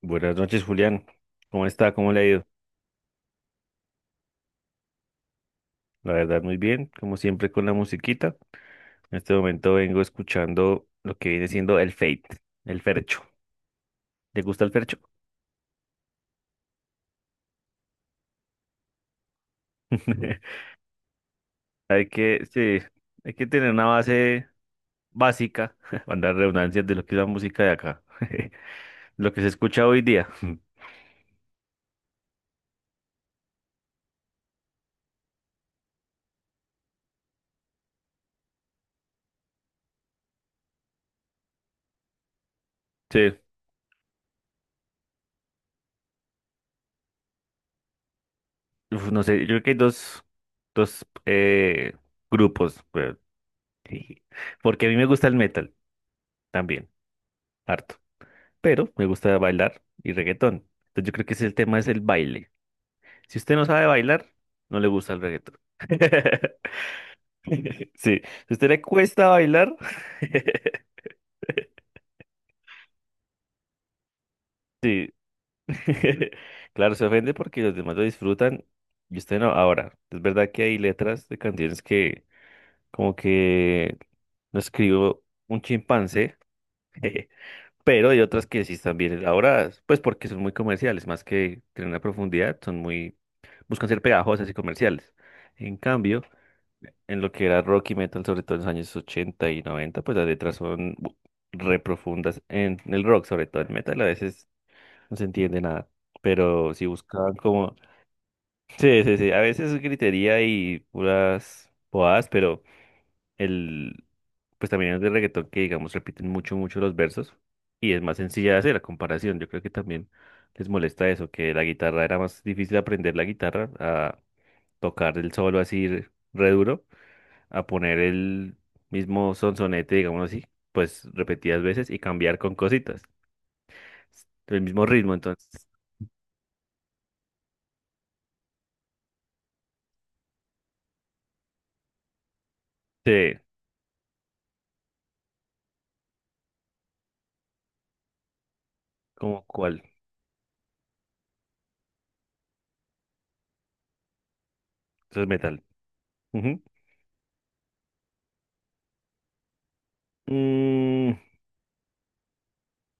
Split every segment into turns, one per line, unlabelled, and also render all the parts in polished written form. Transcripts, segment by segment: Buenas noches, Julián. ¿Cómo está? ¿Cómo le ha ido? La verdad, muy bien, como siempre con la musiquita. En este momento vengo escuchando lo que viene siendo el Fate, el Fercho. ¿Te gusta el Fercho? Hay que, sí, hay que tener una base básica, para dar redundancias de lo que es la música de acá, lo que se escucha hoy día. Sí, uf, no sé, yo creo que hay dos grupos, pero- porque a mí me gusta el metal también, harto. Pero me gusta bailar y reggaetón. Entonces yo creo que ese es el tema, es el baile. Si usted no sabe bailar, no le gusta el reggaetón. Sí, si a usted le cuesta bailar, sí. Claro, se ofende porque los demás lo disfrutan y usted no. Ahora, es verdad que hay letras de canciones que como que no escribo un chimpancé, pero hay otras que sí están bien elaboradas, pues porque son muy comerciales, más que tienen una profundidad, son muy, buscan ser pegajosas y comerciales. En cambio, en lo que era rock y metal, sobre todo en los años 80 y 90, pues las letras son re profundas en el rock, sobre todo en metal, a veces no se entiende nada. Pero si buscaban como... Sí, sí, sí, a veces es gritería y puras bobadas, pero el... Pues también es de reggaetón que, digamos, repiten mucho, mucho los versos y es más sencilla de hacer la comparación. Yo creo que también les molesta eso, que la guitarra, era más difícil aprender la guitarra, tocar el solo así re duro, a poner el mismo sonsonete, digamos así, pues repetidas veces y cambiar con cositas. El mismo ritmo, entonces, sí, como cuál, eso es metal. Ujú. Mm,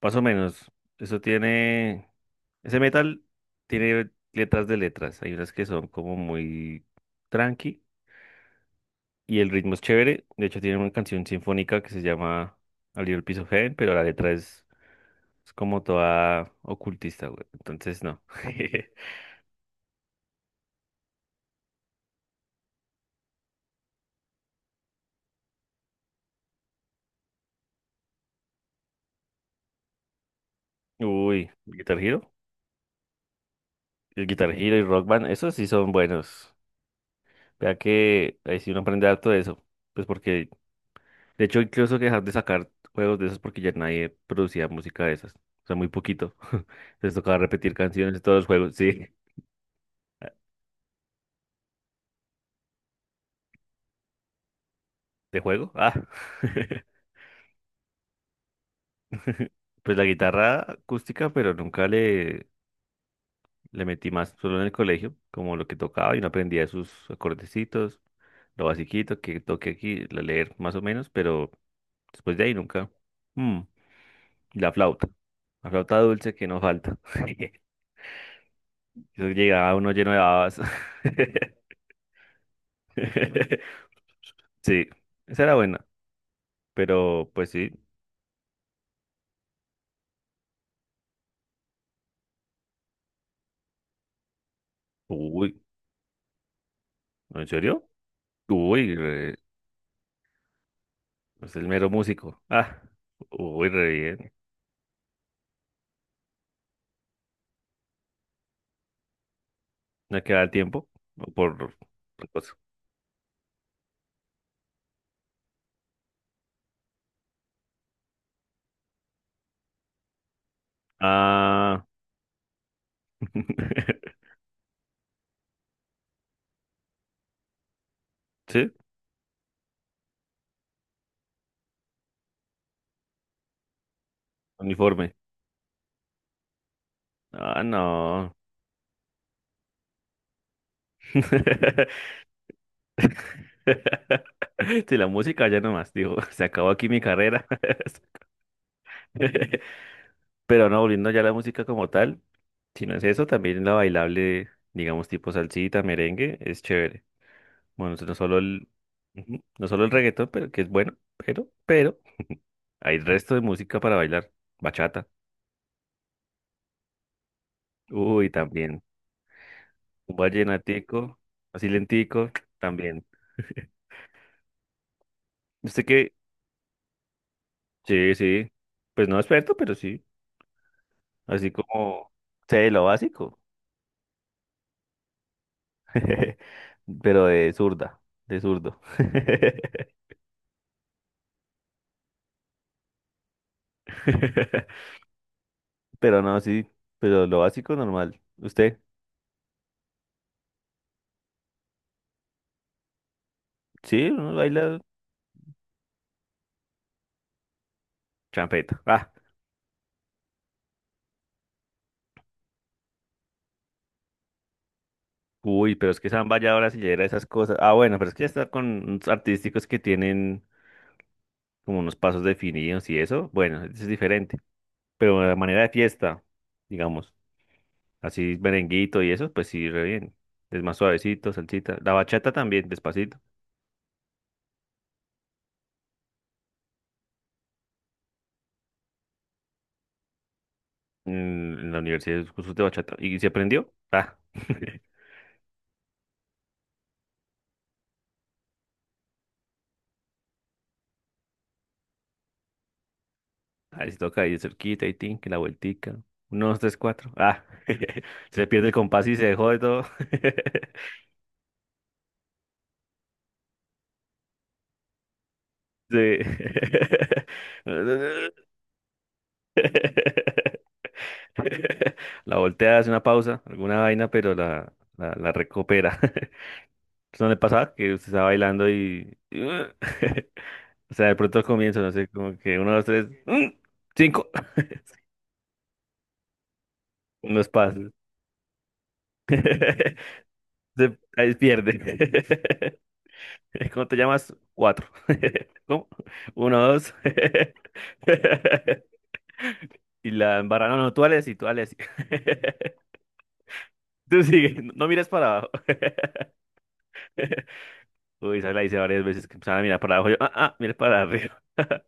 más o menos, eso tiene, ese metal tiene letras de letras, hay unas que son como muy tranqui y el ritmo es chévere, de hecho tiene una canción sinfónica que se llama A Little Piece of Heaven, pero la letra es como toda ocultista, güey. Entonces, no. Uy, Guitar Hero. El Guitar Hero y Rock Band, esos sí son buenos. Vea que ahí sí uno aprende harto de eso. Pues porque, de hecho, incluso que dejar de sacar juegos de esos porque ya nadie producía música de esas. O sea, muy poquito. Les tocaba repetir canciones de todos los juegos. Sí, ¿de juego? Ah. Pues la guitarra acústica, pero nunca le metí más solo en el colegio, como lo que tocaba, y no aprendía sus acordecitos, lo basiquito que toque aquí, la leer más o menos, pero después de ahí nunca. Mm, y la flauta dulce que no falta. Eso llegaba uno lleno de babas. Sí, esa era buena, pero pues sí. Uy, ¿no?, ¿en serio? Uy, es el mero músico. Ah, uy, re bien. No queda el tiempo por otra cosa. Ah. ¿Sí? Uniforme. Ah, no. Si la música ya nomás, digo, se acabó aquí mi carrera. Pero no, volviendo ya a la música como tal, si no es eso, también la bailable, digamos, tipo salsita, merengue, es chévere. Bueno, ujú, no solo el reggaetón, pero que es bueno, pero, hay resto de música para bailar. Bachata. Uy, también. Un vallenatico, así lentico, también. ¿Usted qué? Sí, sí. Pues no experto, pero sí. Así como sé lo básico. Pero de zurda, de zurdo. Pero no, sí. Pero lo básico normal. ¿Usted? Sí, uno baila champeta. Ah, uy, pero es que samba ya ahora sí ya era esas cosas. Ah, bueno, pero es que ya está con unos artísticos que tienen como unos pasos definidos y eso. Bueno, eso es diferente. Pero la manera de fiesta, digamos. Así merenguito y eso, pues sí, re bien. Es más suavecito, salsita. La bachata también, despacito. En en la universidad es cursos de bachata. ¿Y se aprendió? Ah. Ahí se toca ahí de cerquita y tin, que la vueltica. Uno, dos, tres, cuatro. Ah. Se pierde el compás y se dejó de todo. Sí. La voltea, hace una pausa, alguna vaina, pero la recupera. ¿Eso no le pasaba? Que usted estaba bailando y... O sea, de pronto al comienzo, no sé, como que uno, dos, tres, ¡mm! Cinco, unos pasos. Ahí pierde. ¿Cómo te llamas? Cuatro. ¿Cómo? Uno, dos. Y la embarra, no, no, tú dale así, tú dale así. Tú sigue, no, no mires para abajo. Uy, esa la hice varias veces que empezaba a mirar para abajo. Yo, ah, ah, mires para arriba.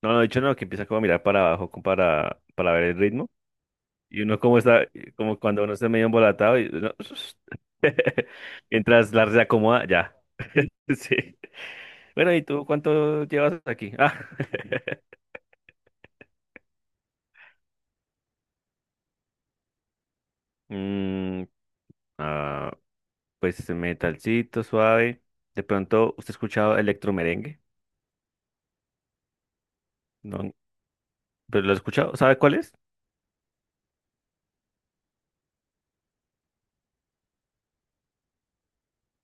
No, no, de hecho no, que empieza como a mirar para abajo como para, ver el ritmo. Y uno como está, como cuando uno está medio embolatado y uno- mientras la reacomoda, ya. Sí. Bueno, ¿y tú cuánto llevas aquí? Ah. Mm, ah, pues metalcito, suave. De pronto, ¿usted ha escuchado electromerengue? No, pero lo he escuchado, ¿sabe cuál es?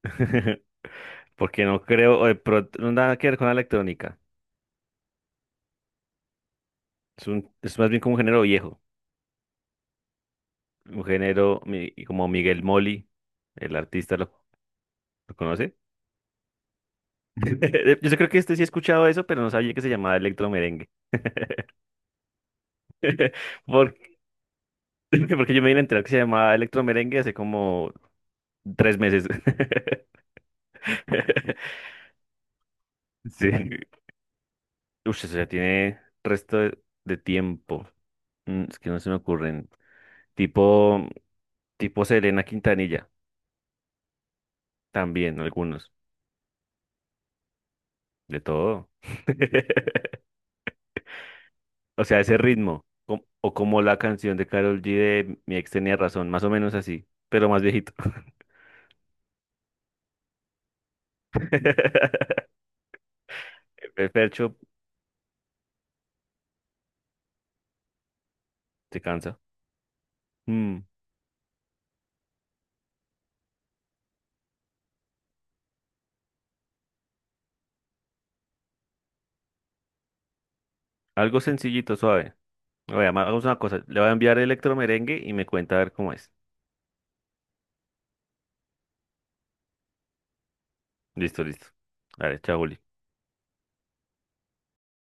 Porque no creo, o de pronto, no, nada que ver con la electrónica. Es más bien como un género viejo. Un género como Miguel Molly, el artista, ¿lo conoce? Yo creo que este sí he escuchado eso, pero no sabía que se llamaba electromerengue. Por- Porque yo me vine a enterar que se llamaba electromerengue hace como 3 meses. Sí. Uy, eso ya tiene resto de tiempo. Mm, es que no se me ocurren. Tipo, tipo Selena Quintanilla, también algunos. De todo. O sea, ese ritmo. O como la canción de Karol G de Mi ex tenía razón, más o menos así, pero más viejito. Fercho. Te cansa. Mm, algo sencillito, suave. Oye, hagamos una cosa. Le voy a enviar electro merengue y me cuenta a ver cómo es. Listo, listo. Vale, chao, Juli.